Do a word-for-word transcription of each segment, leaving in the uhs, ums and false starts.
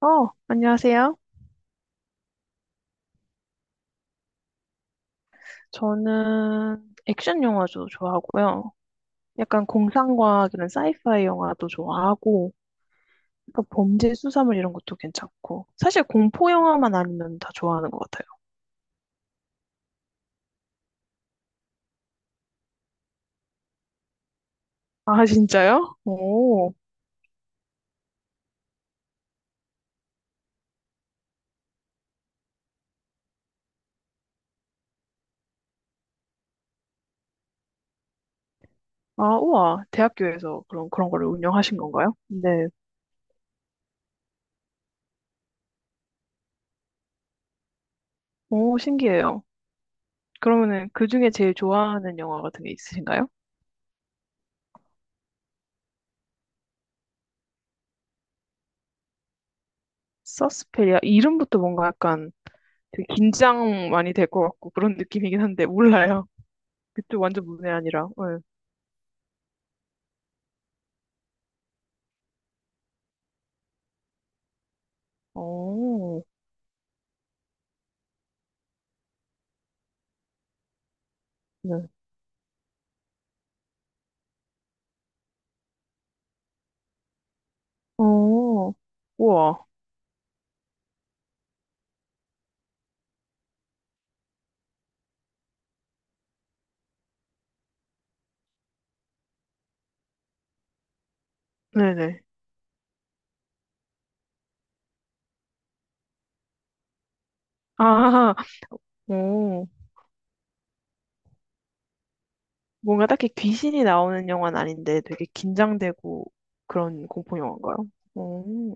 어, 안녕하세요. 저는 액션 영화도 좋아하고요. 약간 공상과학 이런 사이파이 영화도 좋아하고, 약간 범죄 수사물 이런 것도 괜찮고. 사실 공포 영화만 아니면 다 좋아하는 것 같아요. 아, 진짜요? 오. 아, 우와. 대학교에서 그런, 그런 거를 운영하신 건가요? 네. 오, 신기해요. 그러면은 그 중에 제일 좋아하는 영화 같은 게 있으신가요? 서스페리아. 이름부터 뭔가 약간 되게 긴장 많이 될 것 같고 그런 느낌이긴 한데, 몰라요. 그쪽 완전 문외 아니라. 네. 오, 네. 오, 우와. 네네. 아, 오. 뭔가 딱히 귀신이 나오는 영화는 아닌데 되게 긴장되고 그런 공포 영화인가요? 오.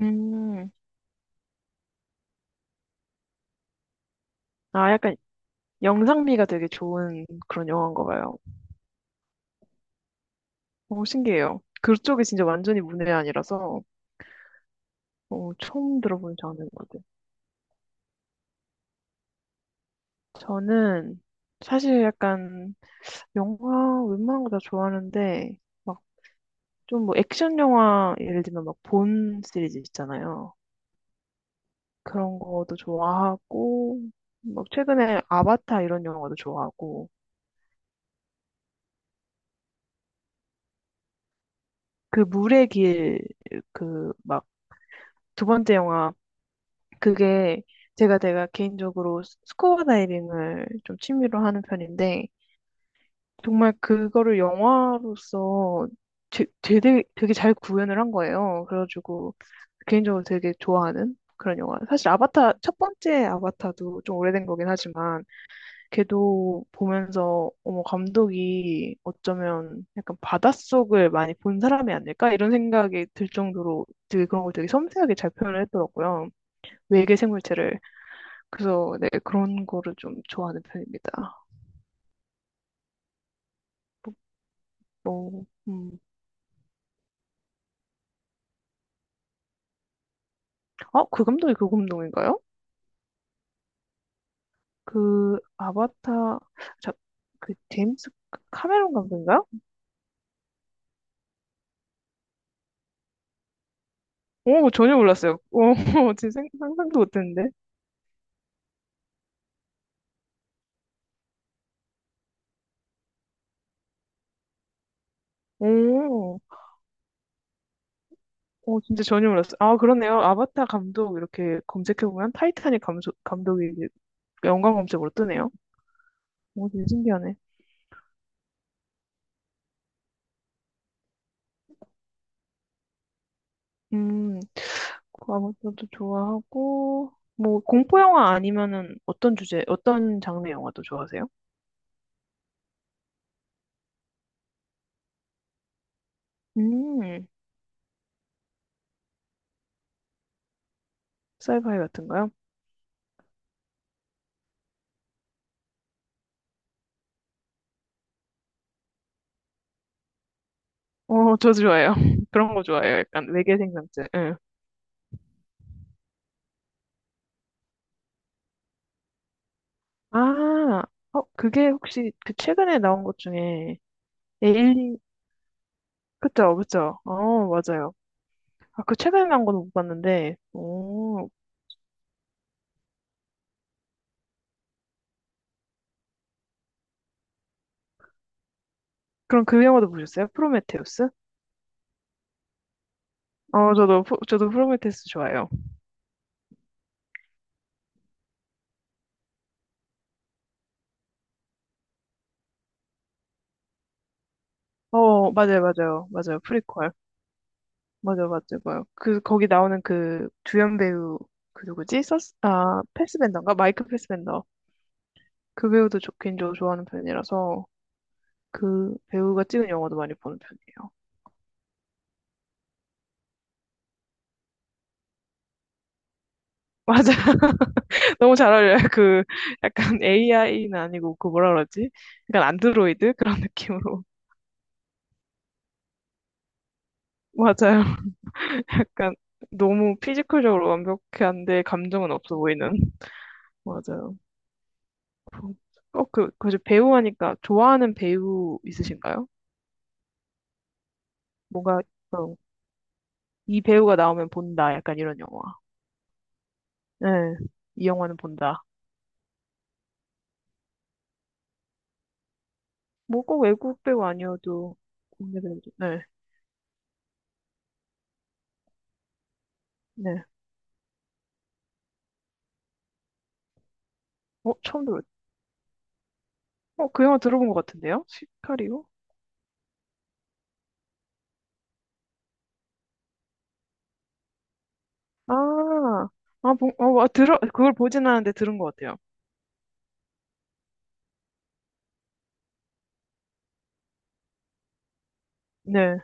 음. 아, 약간 영상미가 되게 좋은 그런 영화인가 봐요. 오, 신기해요. 그쪽이 진짜 완전히 문외 아니라서 어, 처음 들어보는 장르인 것 같아요. 저는 사실 약간 영화 웬만한 거 다 좋아하는데 막 좀 뭐 액션 영화 예를 들면 막 본 시리즈 있잖아요. 그런 거도 좋아하고 막 최근에 아바타 이런 영화도 좋아하고 그 물의 길 그 막 두 번째 영화 그게 제가 제가 개인적으로 스- 스쿠버 다이빙을 좀 취미로 하는 편인데 정말 그거를 영화로서 제, 되게, 되게 잘 구현을 한 거예요. 그래가지고 개인적으로 되게 좋아하는 그런 영화. 사실 아바타, 첫 번째 아바타도 좀 오래된 거긴 하지만 걔도 보면서 어머, 감독이 어쩌면 약간 바닷속을 많이 본 사람이 아닐까? 이런 생각이 들 정도로 되게 그런 걸 되게 섬세하게 잘 표현을 했더라고요. 외계 생물체를. 그래서 네, 그런 거를 좀 좋아하는 편입니다. 뭐, 뭐, 음. 어, 그 감독이 그 감독인가요? 그 아바타 자, 그 제임스 카메론 감독인가요? 오 전혀 몰랐어요. 오 지금 생- 상상도 못했는데. 오, 오 진짜 전혀 몰랐어요. 아 그러네요. 아바타 감독 이렇게 검색해 보면 타이타닉 감독 감독이 이제 연관 검색으로 뜨네요. 오 되게 신기하네. 음, 그 아바타도 좋아하고 뭐 공포 영화 아니면은 어떤 주제 어떤 장르 영화도 좋아하세요? 음, 사이파이 같은가요? 어, 저 좋아요. 그런 거 좋아해요. 약간 외계 생명체. 응. 아, 어, 그게 혹시 그 최근에 나온 것 중에 에일리, 그쵸, 그쵸. 어, 맞아요. 아, 그 최근에 나온 건 못 봤는데, 오, 그럼 그 영화도 보셨어요? 프로메테우스? 어, 저도, 프- 저도 프로메테우스 좋아해요. 어, 맞아요, 맞아요. 맞아요. 프리퀄. 맞아요, 맞아요. 맞아요. 그, 거기 나오는 그 주연 배우, 그 누구지? 서스, 아, 패스벤더인가? 마이크 패스벤더. 그 배우도 좋긴 저 좋아하는 편이라서. 그 배우가 찍은 영화도 많이 보는 편이에요. 맞아. 너무 잘 어울려요. 그 약간 에이아이는 아니고 그 뭐라 그러지? 약간 안드로이드 그런 느낌으로. 맞아요. 약간 너무 피지컬적으로 완벽한데 감정은 없어 보이는. 맞아요. 어, 그, 그 배우 하니까 좋아하는 배우 있으신가요? 뭔가 어, 이 배우가 나오면 본다. 약간 이런 영화. 네. 이 영화는 본다. 뭐 꼭 외국 배우 아니어도 국내 배우도. 네. 네. 어, 처음 들어요. 어, 그 영화 들어본 것 같은데요? 시카리오? 아, 아, 보, 어, 아, 들어, 그걸 보진 않았는데 들은 것 같아요. 네.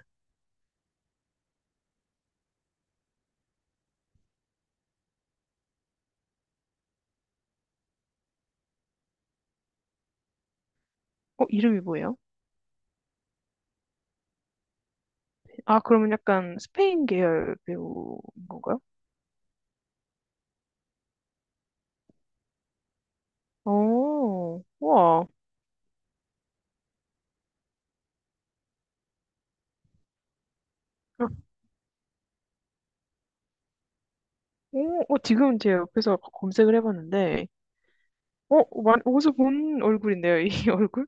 어, 이름이 뭐예요? 아, 그러면 약간 스페인 계열 배우인 건가요? 오! 우와. 아, 오, 어, 지금 제 옆에서 검색을 해봤는데, 어, 마, 어디서 본 얼굴인데요, 이 얼굴?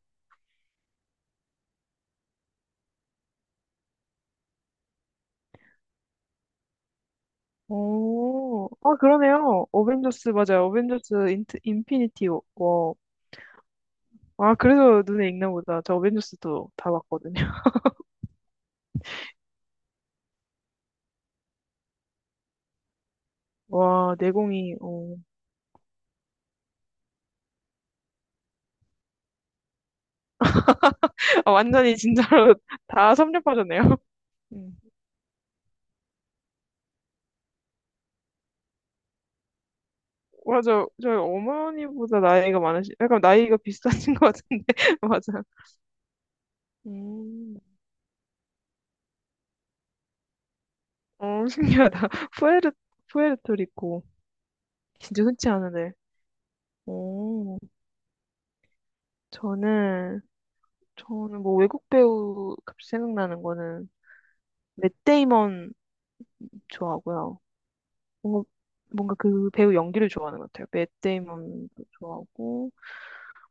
오, 아, 그러네요. 어벤져스, 맞아요. 어벤져스 인트, 인피니티 워. 아, 그래서 눈에 익나 보다. 저 어벤져스도 다 봤거든요. 와, 내공이, 어. 어, 완전히 진짜로 다 섭렵하셨네요. 음. 맞아. 저희 어머니보다 나이가 많으시, 약간 나이가 비슷하신 것 같은데. 맞아. 음. 어, 신기하다. 푸에르, 푸에르토리코. 진짜 흔치 않은데. 오. 저는, 저는 뭐 외국 배우 갑자기 생각나는 거는 맷 데이먼 좋아하고요. 뭔가, 뭔가 그 배우 연기를 좋아하는 것 같아요. 맷 데이먼도 좋아하고.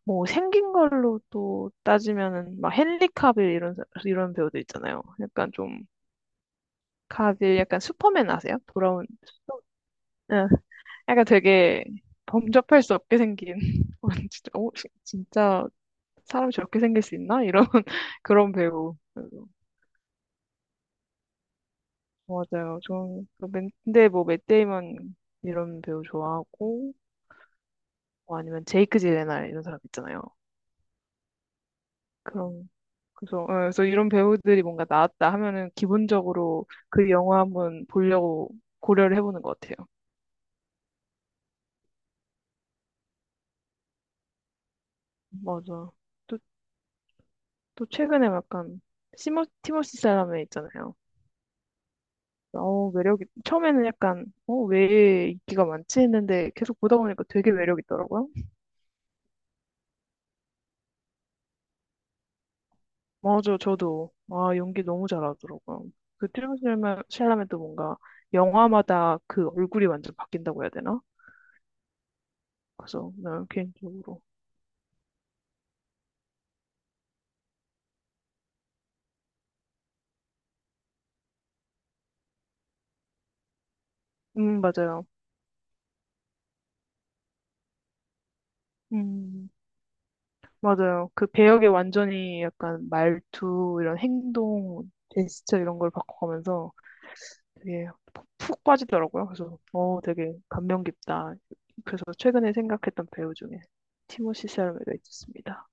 뭐 생긴 걸로 또 따지면은 막 헨리 카빌 이런 사- 이런 배우들 있잖아요. 약간 좀 카빌 약간 슈퍼맨 아세요? 돌아온 슈퍼- 예, 약간 되게 범접할 수 없게 생긴 어, 진짜 어, 시- 진짜 사람이 저렇게 생길 수 있나? 이런 그런 배우 그래서 맞아요. 좀그 맨- 근데 뭐 맷 데이먼 이런 배우 좋아하고 뭐 아니면 제이크 질레날 이런 사람 있잖아요. 그런 그래서, 어, 그래서 이런 배우들이 뭔가 나왔다 하면은 기본적으로 그 영화 한번 보려고 고려를 해보는 것 같아요. 맞아. 또, 또 최근에 약간 시모, 티모시 샬라메 있잖아요. 어, 매력이, 처음에는 약간, 어, 왜 인기가 많지 했는데 계속 보다 보니까 되게 매력 있더라고요. 맞아, 저도. 아, 연기 너무 잘하더라고요. 그 티모시 샬라메- 샬라메도 뭔가 영화마다 그 얼굴이 완전 바뀐다고 해야 되나? 그래서, 네, 개인적으로. 음, 맞아요. 음. 맞아요. 그 배역에 완전히 약간 말투, 이런 행동, 제스처 이런 걸 바꿔가면서 되게 푹푹 빠지더라고요. 그래서, 어, 되게 감명 깊다. 그래서 최근에 생각했던 배우 중에 티모시 샬메가 있었습니다.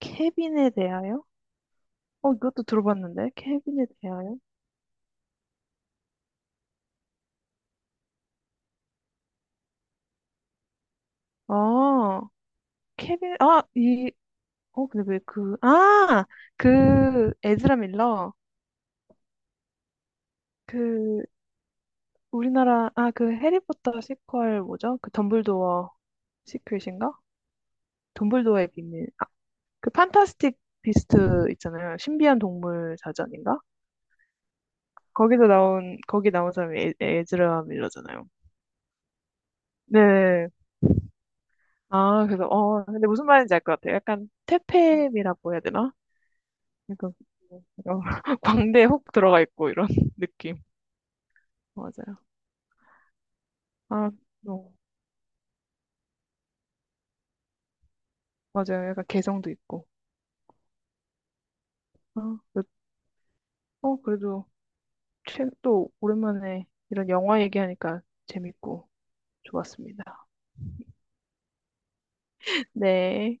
케빈에 대하여? 어, 이것도 들어봤는데. 케빈에 대하여? 아, 케빈, 아, 이, 어, 근데 왜 그, 아! 그, 에즈라 밀러. 그, 우리나라 아 그 해리포터 시퀄 뭐죠? 그 덤블도어 시퀄인가? 덤블도어의 비밀. 그 판타스틱 비스트 있잖아요. 신비한 동물 사전인가? 거기서 나온 거기 나온 사람이 에, 에즈라 밀러잖아요. 네. 아 그래서 어 근데 무슨 말인지 알 것 같아요. 약간 퇴폐미라고 해야 되나? 약간 어, 광대에 혹 들어가 있고 이런 느낌. 맞아요. 아 어, 맞아요. 약간 개성도 있고. 아, 그- 어 그래도 최, 또 오랜만에 이런 영화 얘기하니까 재밌고 좋았습니다. 네.